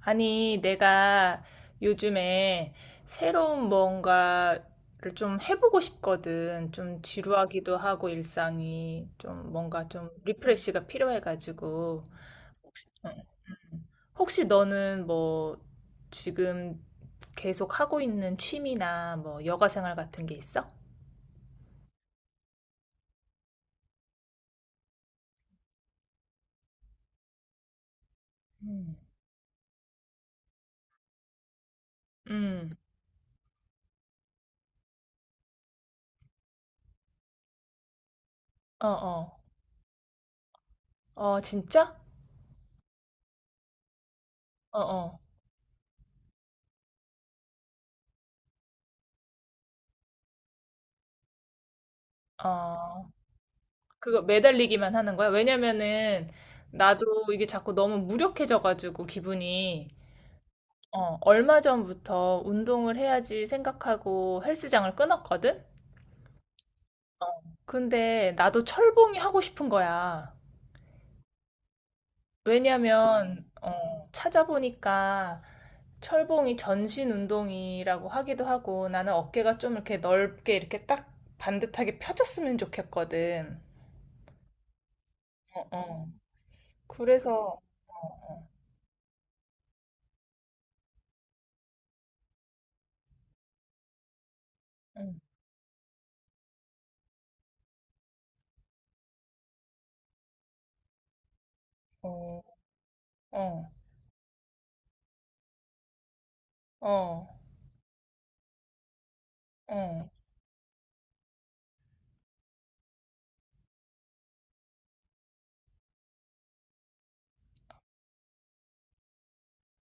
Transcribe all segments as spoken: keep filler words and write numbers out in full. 아니, 내가 요즘에 새로운 뭔가를 좀 해보고 싶거든. 좀 지루하기도 하고 일상이 좀 뭔가 좀 리프레시가 필요해가지고. 혹시, 응. 혹시 너는 뭐 지금 계속 하고 있는 취미나 뭐 여가 생활 같은 게 있어? 음. 음. 어, 어. 어, 진짜? 어, 어. 어. 그거 매달리기만 하는 거야? 왜냐면은 나도 이게 자꾸 너무 무력해져가지고 기분이 어, 얼마 전부터 운동을 해야지 생각하고 헬스장을 끊었거든? 근데 나도 철봉이 하고 싶은 거야. 왜냐면 어, 찾아보니까 철봉이 전신 운동이라고 하기도 하고 나는 어깨가 좀 이렇게 넓게 이렇게 딱 반듯하게 펴졌으면 좋겠거든. 어, 어. 그래서 어, 응. 어, 어. 어. 어.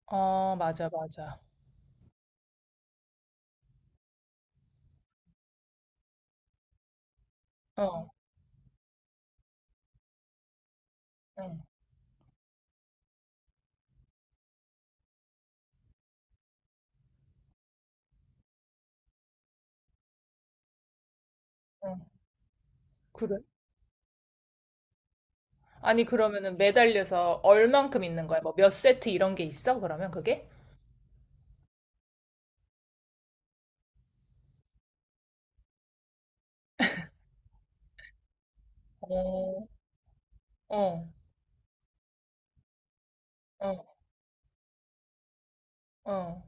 아, 맞아, 맞아. 어, 응, 응. 그래. 아니, 그러면은 매달려서 얼만큼 있는 거야? 뭐 몇 세트 이런 게 있어? 그러면 그게? 어, 어, 어, 어.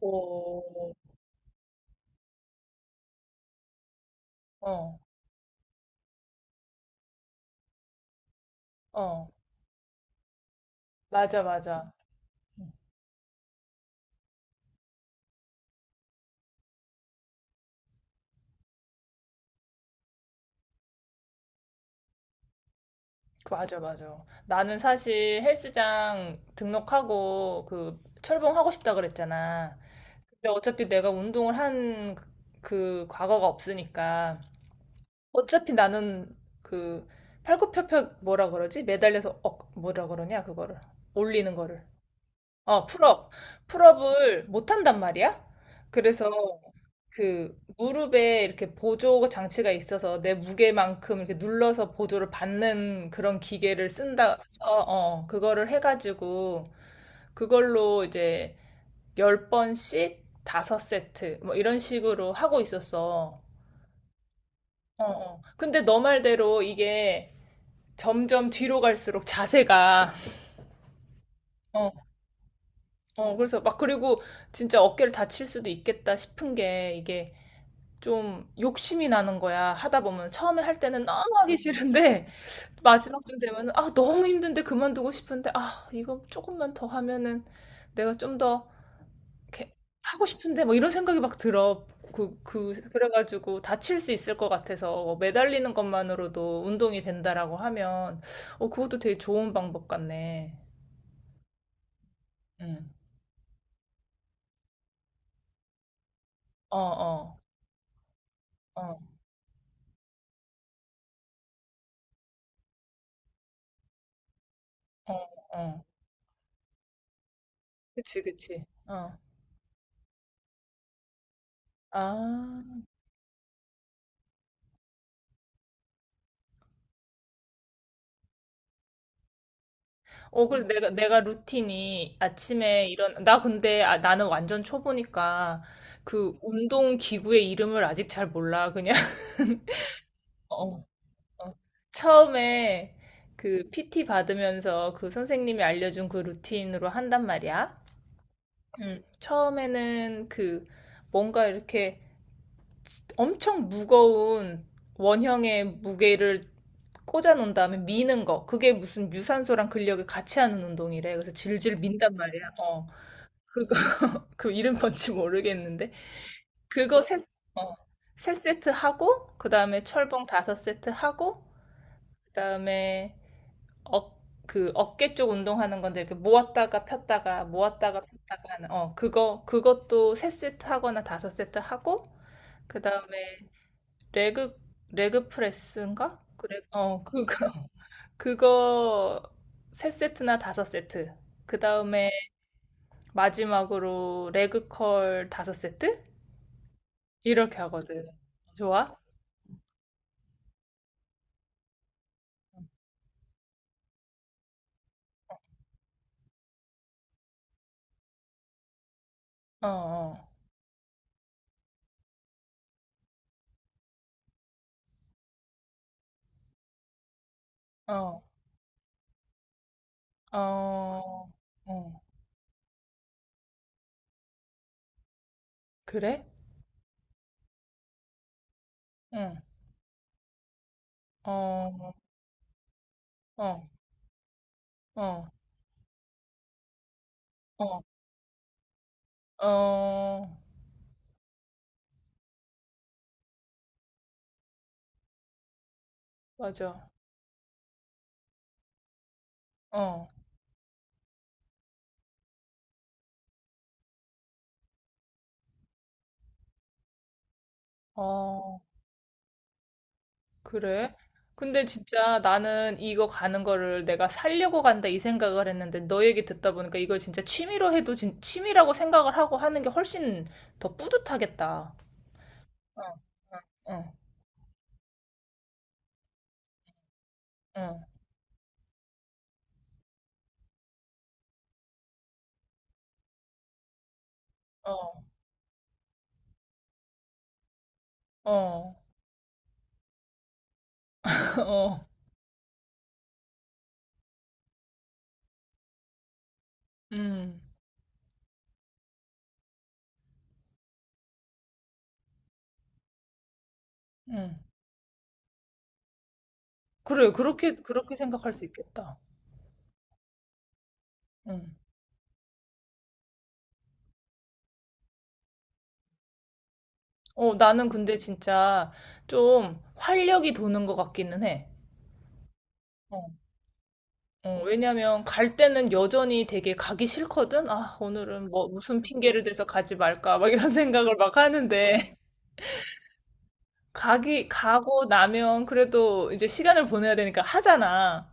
오, 어, 어. 맞아, 맞아. 음, 그 맞아, 맞아. 나는 사실 헬스장 등록하고 그 철봉하고 싶다 그랬잖아. 근데 어차피 내가 운동을 한그 그 과거가 없으니까. 어차피 나는 그 팔굽혀펴 뭐라 그러지? 매달려서 억 뭐라 그러냐 그거를 올리는 거를 어 풀업 풀업을 못 한단 말이야. 그래서 그 무릎에 이렇게 보조 장치가 있어서 내 무게만큼 이렇게 눌러서 보조를 받는 그런 기계를 쓴다. 어, 어 그거를 해가지고 그걸로 이제 열 번씩 다섯 세트 뭐 이런 식으로 하고 있었어. 어, 어. 근데 너 말대로 이게 점점 뒤로 갈수록 자세가 어. 어 그래서 막 그리고 진짜 어깨를 다칠 수도 있겠다 싶은 게 이게 좀 욕심이 나는 거야 하다 보면 처음에 할 때는 너무 하기 싫은데 마지막쯤 되면은 아 너무 힘든데 그만두고 싶은데 아 이거 조금만 더 하면은 내가 좀 더 이렇게 하고 싶은데 뭐 이런 생각이 막 들어 그, 그 그래가지고 다칠 수 있을 것 같아서 뭐 매달리는 것만으로도 운동이 된다라고 하면 어 그것도 되게 좋은 방법 같네. 음. 어, 어, 어, 어, 어. 그치, 그치. 어. 아. 어, 그래서 내가, 내가 루틴이 아침에 이런, 나 근데 아, 나는 완전 초보니까 그 운동 기구의 이름을 아직 잘 몰라. 그냥, 어, 어. 처음에 그 피티 받으면서 그 선생님이 알려준 그 루틴으로 한단 말이야. 음, 처음에는 그 뭔가 이렇게 엄청 무거운 원형의 무게를 꽂아 놓은 다음에 미는 거. 그게 무슨 유산소랑 근력을 같이 하는 운동이래. 그래서 질질 민단 말이야. 어. 그거 그 이름 뭔지 모르겠는데 그거 세 어. 세 세트 하고 그다음에 철봉 다섯 세트 하고 그다음에 어, 그 어깨 쪽 운동하는 건데 이렇게 모았다가 폈다가 모았다가 폈다가 하는 어 그거 그것도 세 세트 하거나 다섯 세트 하고 그다음에 레그 레그 프레스인가? 그래. 어, 그거 그거 세 세트나 다섯 세트. 그 다음에 마지막으로 레그컬 다섯 세트? 이렇게 하거든. 좋아? 어, 어, 어, 어, 어. 그래? 응. 어, 어, 어, 어, 어. 맞아. 어, 어. 그래? 근데 진짜 나는 이거 가는 거를 내가 살려고 간다 이 생각을 했는데 너 얘기 듣다 보니까 이걸 진짜 취미로 해도 진, 취미라고 생각을 하고 하는 게 훨씬 더 뿌듯하겠다. 어, 어, 어, 어, 어, 어, 어, 음, 음. 그래, 그렇게, 그렇게 생각할 수 있겠다. 음. 어, 나는 근데 진짜 좀 활력이 도는 것 같기는 해. 어, 왜냐면 갈 때는 여전히 되게 가기 싫거든? 아, 오늘은 뭐 무슨 핑계를 대서 가지 말까? 막 이런 생각을 막 하는데 가기 가고 나면 그래도 이제 시간을 보내야 되니까 하잖아.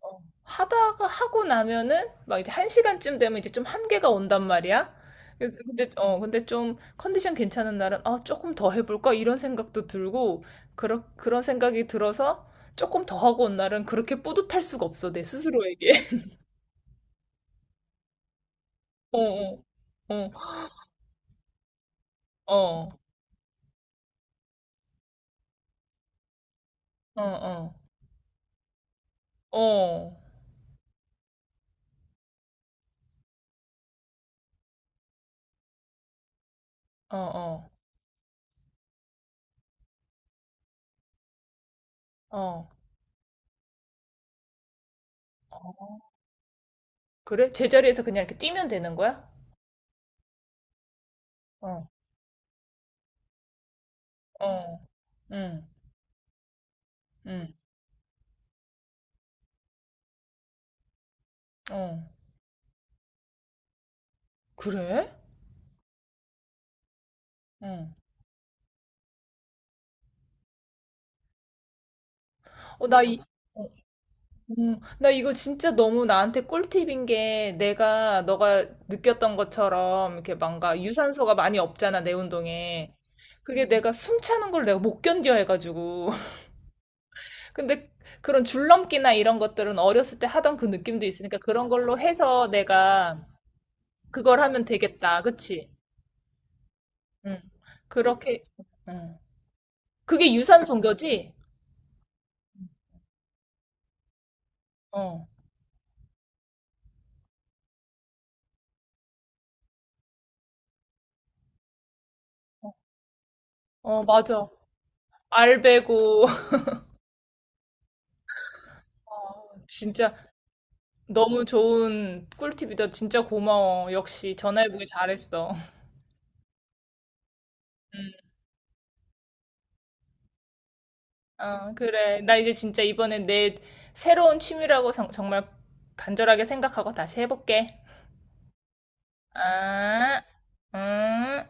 어, 하다가 하고 나면은 막 이제 한 시간쯤 되면 이제 좀 한계가 온단 말이야. 그래서 근데 어 근데 좀 컨디션 괜찮은 날은 아 조금 더 해볼까 이런 생각도 들고 그런 그런 생각이 들어서 조금 더 하고 온 날은 그렇게 뿌듯할 수가 없어 내 스스로에게. 어, 어. 어. 어, 어, 어, 어, 어, 어, 어. 그래? 제자리에서 그냥 이렇게 뛰면 되는 거야? 어, 어, 응, 응, 어. 그래? 응. 어, 나 이, 어, 음, 나 이거 진짜 너무 나한테 꿀팁인 게 내가 너가 느꼈던 것처럼 이렇게 뭔가 유산소가 많이 없잖아, 내 운동에. 그게 내가 숨 차는 걸 내가 못 견뎌 해가지고. 근데 그런 줄넘기나 이런 것들은 어렸을 때 하던 그 느낌도 있으니까 그런 걸로 해서 내가 그걸 하면 되겠다. 그치? 응. 그렇게, 응. 그게 유산소인거지? 어. 어, 맞아. 알 베고. 어, 진짜 너무 좋은 꿀팁이다. 진짜 고마워. 역시 전화해보길 잘했어. 음, 어, 그래. 나 이제 진짜 이번에 내 새로운 취미라고 정- 정말 간절하게 생각하고 다시 해볼게. 아, 음.